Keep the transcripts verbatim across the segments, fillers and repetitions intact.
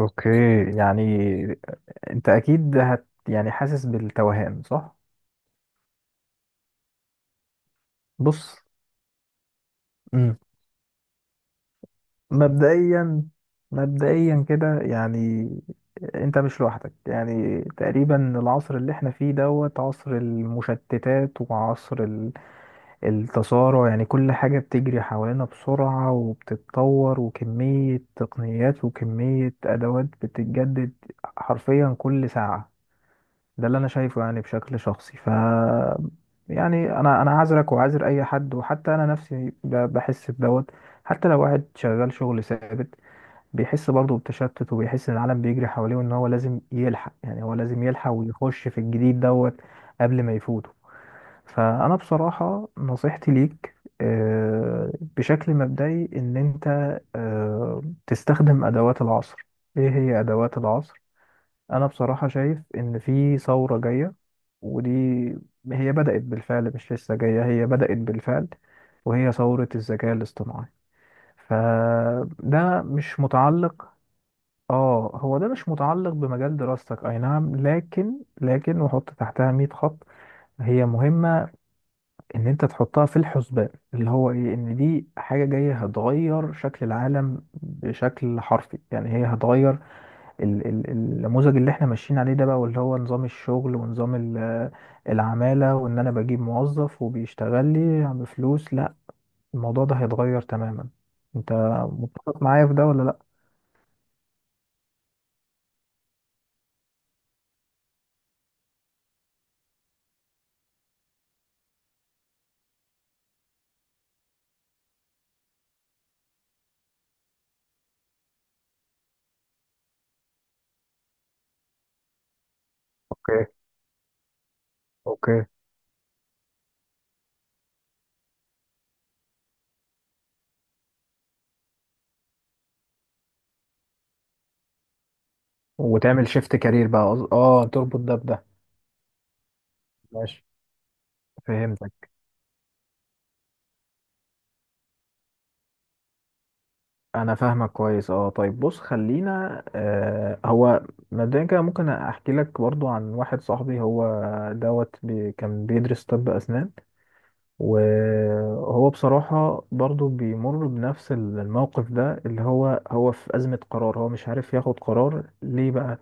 اوكي. يعني انت اكيد هت يعني حاسس بالتوهان، صح؟ بص. مم. مبدئيا مبدئيا كده، يعني انت مش لوحدك. يعني تقريبا العصر اللي احنا فيه دوت عصر المشتتات وعصر ال- التسارع، يعني كل حاجة بتجري حوالينا بسرعة وبتتطور، وكمية تقنيات وكمية ادوات بتتجدد حرفيا كل ساعة. ده اللي انا شايفه يعني بشكل شخصي. ف يعني انا انا عذرك وعذر اي حد، وحتى انا نفسي ب- بحس بدوت. حتى لو واحد شغال شغل ثابت، بيحس برضه بتشتت، وبيحس ان العالم بيجري حواليه، وان هو لازم يلحق، يعني هو لازم يلحق ويخش في الجديد دوت قبل ما يفوته. فانا بصراحة نصيحتي ليك آه، بشكل مبدئي ان انت آه، تستخدم ادوات العصر. ايه هي ادوات العصر؟ انا بصراحة شايف ان في ثورة جاية، ودي هي بدأت بالفعل، مش لسه جاية، هي بدأت بالفعل، وهي ثورة الذكاء الاصطناعي. فده مش متعلق، اه هو ده مش متعلق بمجال دراستك، اي نعم، لكن لكن وحط تحتها مية خط، هي مهمة ان انت تحطها في الحسبان، اللي هو ايه، ان دي حاجة جاية هتغير شكل العالم بشكل حرفي. يعني هي هتغير ال- ال- النموذج اللي احنا ماشيين عليه ده بقى، واللي هو نظام الشغل ونظام ال- العمالة، وان انا بجيب موظف وبيشتغل لي بفلوس، لا، الموضوع ده هيتغير تماما. انت متفق معايا في ده ولا لا؟ اوكي، اوكي. وتعمل شيفت كارير بقى، قصد- اه تربط ده بده. ماشي، فهمتك. انا فاهمك كويس، اه. طيب بص، خلينا آه هو مبدئيا كده ممكن احكي لك برضو عن واحد صاحبي، هو دوت بي، كان بيدرس طب اسنان. وهو بصراحة برضو بيمر بنفس الموقف ده، اللي هو هو في أزمة قرار، هو مش عارف ياخد قرار ليه بقى،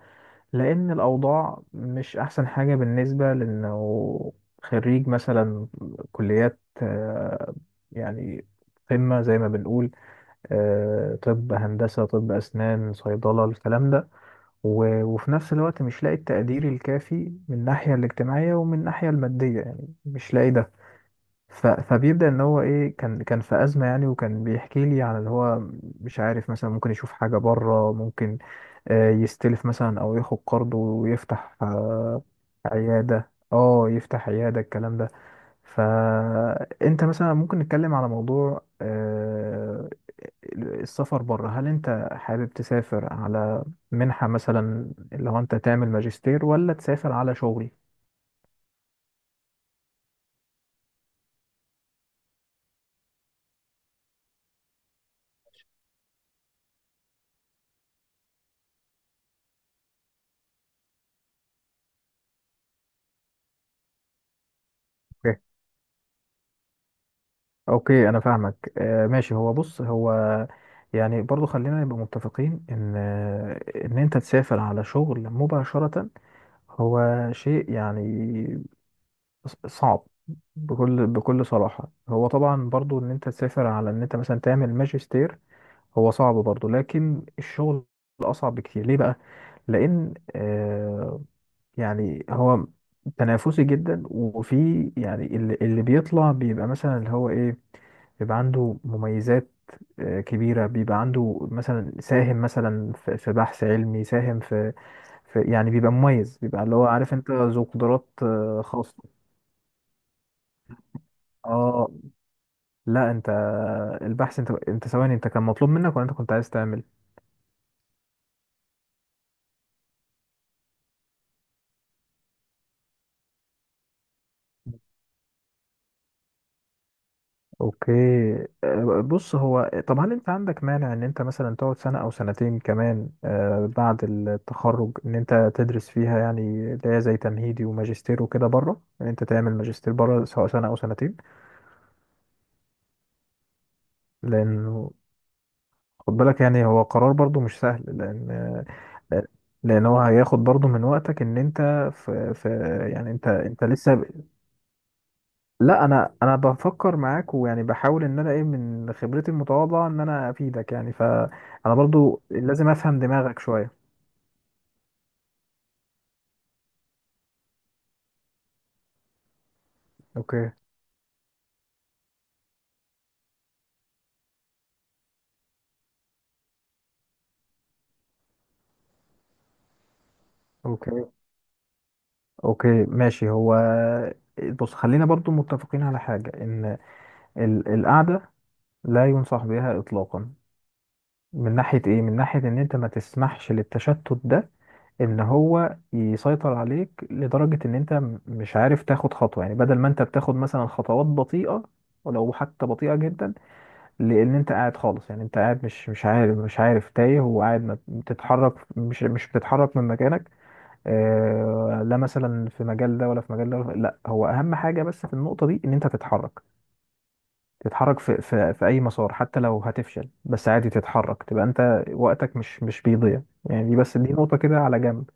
لأن الأوضاع مش أحسن حاجة بالنسبة لأنه خريج مثلا كليات آه، يعني قمة، زي ما بنقول، آه، طب، هندسة، طب أسنان، صيدلة، الكلام ده، و- وفي نفس الوقت مش لاقي التقدير الكافي من الناحية الاجتماعية ومن الناحية المادية، يعني مش لاقي ده. ف... فبيبدأ ان هو ايه، كان كان في أزمة، يعني، وكان بيحكي لي عن اللي هو مش عارف. مثلا ممكن يشوف حاجة بره، ممكن آه، يستلف مثلا او ياخد قرض ويفتح آه، عيادة، اه يفتح عيادة، الكلام ده. فانت مثلا ممكن نتكلم على موضوع آه، السفر بره. هل انت حابب تسافر على منحة مثلا، اللي هو انت تعمل ماجستير، ولا تسافر على شغل؟ اوكي، انا فاهمك، آه، ماشي. هو بص، هو يعني برضو خلينا نبقى متفقين ان آه، ان انت تسافر على شغل مباشرة، هو شيء يعني ص- صعب، بكل بكل صراحة. هو طبعا برضو ان انت تسافر على ان انت مثلا تعمل ماجستير، هو صعب برضو، لكن الشغل اصعب بكتير. ليه بقى؟ لان آه، يعني هو تنافسي جدا، وفي، يعني، اللي, اللي بيطلع بيبقى مثلا اللي هو ايه، بيبقى عنده مميزات آه، كبيرة، بيبقى عنده مثلا ساهم مثلا في في بحث علمي، ساهم في, في، يعني بيبقى مميز، بيبقى اللي هو عارف انت ذو قدرات آه، خاصة. اه لا، انت البحث، انت انت ثواني، انت كان مطلوب منك ولا انت كنت عايز تعمل؟ اوكي، آه، بص، هو طب هل انت عندك مانع ان انت مثلا تقعد سنة او سنتين كمان آه، بعد التخرج ان انت تدرس فيها، يعني اللي هي زي تمهيدي وماجستير وكده، بره، ان انت تعمل ماجستير بره، سواء سنة او سنتين. لانه خد بالك، يعني هو قرار برضو مش سهل، لان آه، لان هو هياخد برضو من وقتك، ان انت في, في، يعني انت انت لسه. لا، انا انا بفكر معاك، ويعني بحاول ان انا ايه من خبرتي المتواضعه ان انا افيدك، يعني فانا برضو لازم افهم دماغك شويه. اوكي، اوكي، اوكي. ماشي، هو بص، خلينا برضو متفقين على حاجه، ان ال- القعده لا ينصح بها اطلاقا، من ناحيه ايه، من ناحيه ان انت ما تسمحش للتشتت ده ان هو يسيطر عليك لدرجه ان انت م- مش عارف تاخد خطوه. يعني بدل ما انت بتاخد مثلا خطوات بطيئه، ولو حتى بطيئه جدا، لان انت قاعد خالص، يعني انت قاعد مش مش عارف مش عارف تايه، وقاعد ما بتتحرك، مش مش بتتحرك من مكانك، آه، لا مثلا في مجال ده، ولا في مجال ده، ولا في... لا، هو اهم حاجه بس في النقطه دي ان انت تتحرك، تتحرك في في في اي مسار، حتى لو هتفشل، بس عادي تتحرك، تبقى انت وقتك مش مش بيضيع، يعني دي بس، دي نقطه كده على جنب.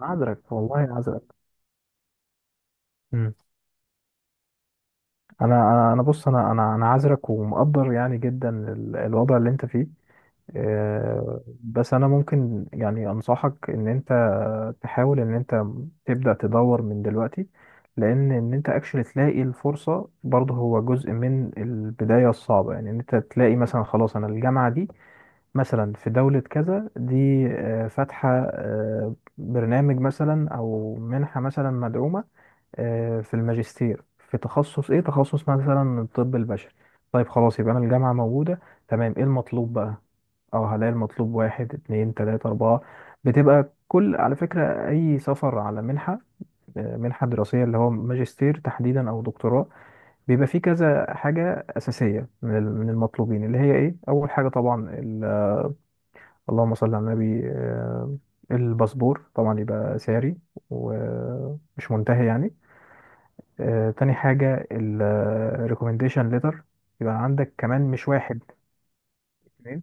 عذرك والله، عذرك. مم. انا انا أنا بص، انا انا انا عذرك، ومقدر يعني جدا ال- الوضع اللي انت فيه. آه، بس انا ممكن يعني انصحك ان انت تحاول ان انت تبدأ تدور من دلوقتي، لان ان انت اكشلي تلاقي الفرصة برضه هو جزء من البداية الصعبة. يعني ان انت تلاقي مثلا، خلاص، انا الجامعة دي مثلا في دولة كذا، دي آه، فاتحة آه، برنامج مثلا او منحة مثلا مدعومة آه، في الماجستير، في تخصص ايه، تخصص مثلا الطب البشري. طيب خلاص، يبقى انا الجامعة موجودة، تمام. ايه المطلوب بقى، او هلاقي المطلوب واحد، اتنين، تلاتة، اربعة. بتبقى كل، على فكرة، اي سفر على منحة، آه، منحة دراسية، اللي هو ماجستير تحديدا او دكتوراه، بيبقى فيه كذا حاجة اساسية من ال- من المطلوبين، اللي هي ايه. اول حاجة طبعا ال- اللهم صل على النبي، آه، الباسبور طبعا يبقى ساري ومش منتهي، يعني. آه، تاني حاجة الريكومنديشن ليتر، يبقى عندك كمان مش واحد، اتنين.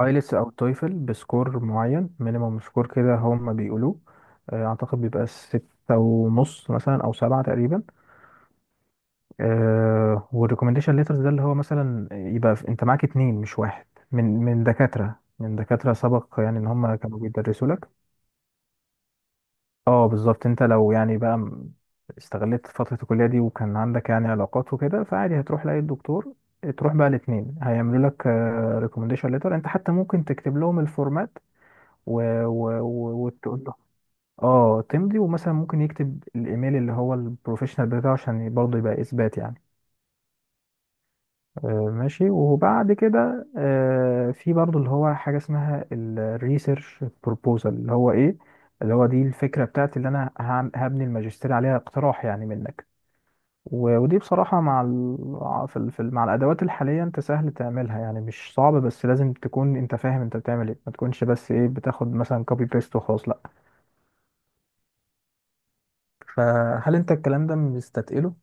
ايلتس او تويفل بسكور معين، مينيمم سكور كده هم بيقولوه، آه، اعتقد بيبقى ستة ونص مثلا او سبعة تقريبا. آه، والريكومنديشن ليترز ده اللي هو مثلا يبقى، ف- انت معاك اتنين مش واحد، من من دكاترة من دكاترة سبق يعني ان هم كانوا بيدرسوا لك. اه بالظبط، انت لو يعني بقى م- استغلت فترة الكلية دي، وكان عندك يعني علاقات وكده، فعادي هتروح لأي دكتور، تروح بقى الاتنين هيعملوا لك ريكومنديشن ليتر. انت حتى ممكن تكتب لهم الفورمات، و... و... و... وتقول له، اه، تمضي. ومثلا ممكن يكتب الايميل اللي هو البروفيشنال بتاعه، عشان برضه يبقى اثبات، يعني. آه، ماشي. وبعد كده آه، في برضو اللي هو حاجة اسمها الريسيرش بروبوزال، اللي هو ايه، اللي هو دي الفكرة بتاعتي اللي انا هعم- هبني الماجستير عليها، اقتراح يعني منك. و- ودي بصراحة مع ال... في ال... في ال- مع الأدوات الحالية، انت سهل تعملها، يعني مش صعب، بس لازم تكون انت فاهم انت بتعمل ايه، ما تكونش بس ايه بتاخد مثلا كوبي بيست وخلاص، لا. فهل انت الكلام ده مستتقله؟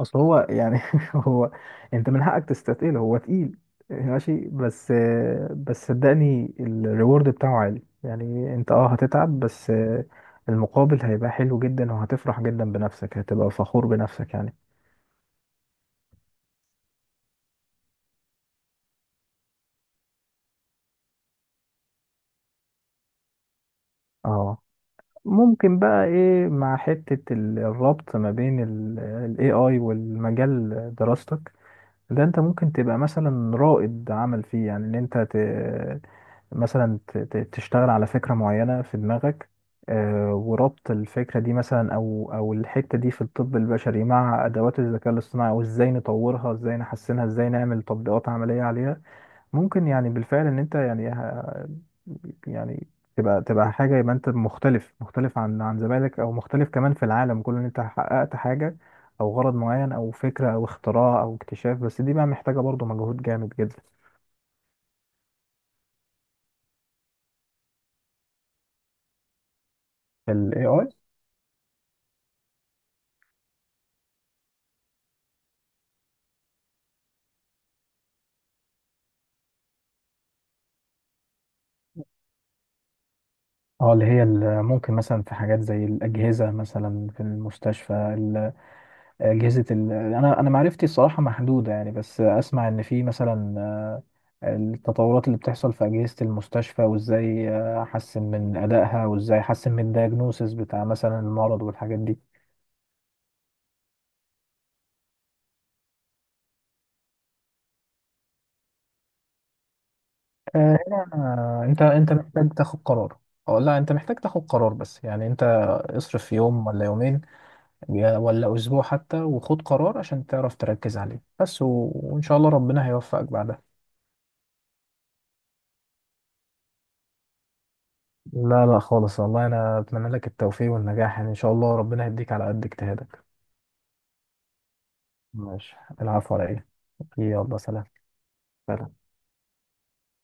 اصل هو يعني هو، انت من حقك تستثقله، هو تقيل، ماشي. بس، بس صدقني الريورد بتاعه عالي، يعني انت اه هتتعب بس المقابل هيبقى حلو جدا، وهتفرح جدا بنفسك، هتبقى فخور بنفسك، يعني. اه، ممكن بقى ايه، مع حتة ال- الربط ما بين ال ال A I والمجال دراستك ده، انت ممكن تبقى مثلا رائد عمل فيه، يعني ان انت ت... مثلا ت... ت- تشتغل على فكرة معينة في دماغك، آه، وربط الفكرة دي مثلا، او او الحتة دي في الطب البشري، مع ادوات الذكاء الاصطناعي، وازاي نطورها، ازاي نحسنها، ازاي نعمل تطبيقات عملية عليها. ممكن يعني بالفعل ان انت يعني ه- يعني تبقى تبقى حاجه، يبقى انت مختلف مختلف عن عن زمايلك، او مختلف كمان في العالم كله، ان انت حققت حاجه او غرض معين او فكره او اختراع او اكتشاف، بس دي بقى محتاجه برضو مجهود جامد جدا. ال إيه آي. اه، اللي هي ال- ممكن مثلا في حاجات زي الأجهزة مثلا في المستشفى، ال- أجهزة ال... أنا أنا معرفتي الصراحة محدودة، يعني، بس أسمع إن في مثلا التطورات اللي بتحصل في أجهزة المستشفى، وإزاي آه، أحسن من أدائها، وإزاي أحسن من الدياجنوسيس بتاع مثلا المرض والحاجات دي. آه، هنا آه، أنت أنت محتاج تاخد قرار، أو لا أنت محتاج تاخد قرار، بس يعني أنت اصرف في يوم ولا يومين، يا- ولا أسبوع حتى، وخد قرار عشان تعرف تركز عليه بس. و... وإن شاء الله ربنا هيوفقك بعدها. لا لا، خالص، والله أنا أتمنى لك التوفيق والنجاح، يعني إن شاء الله ربنا يديك على قد اجتهادك. ماشي، العفو على إيه. يلا سلام، سلام.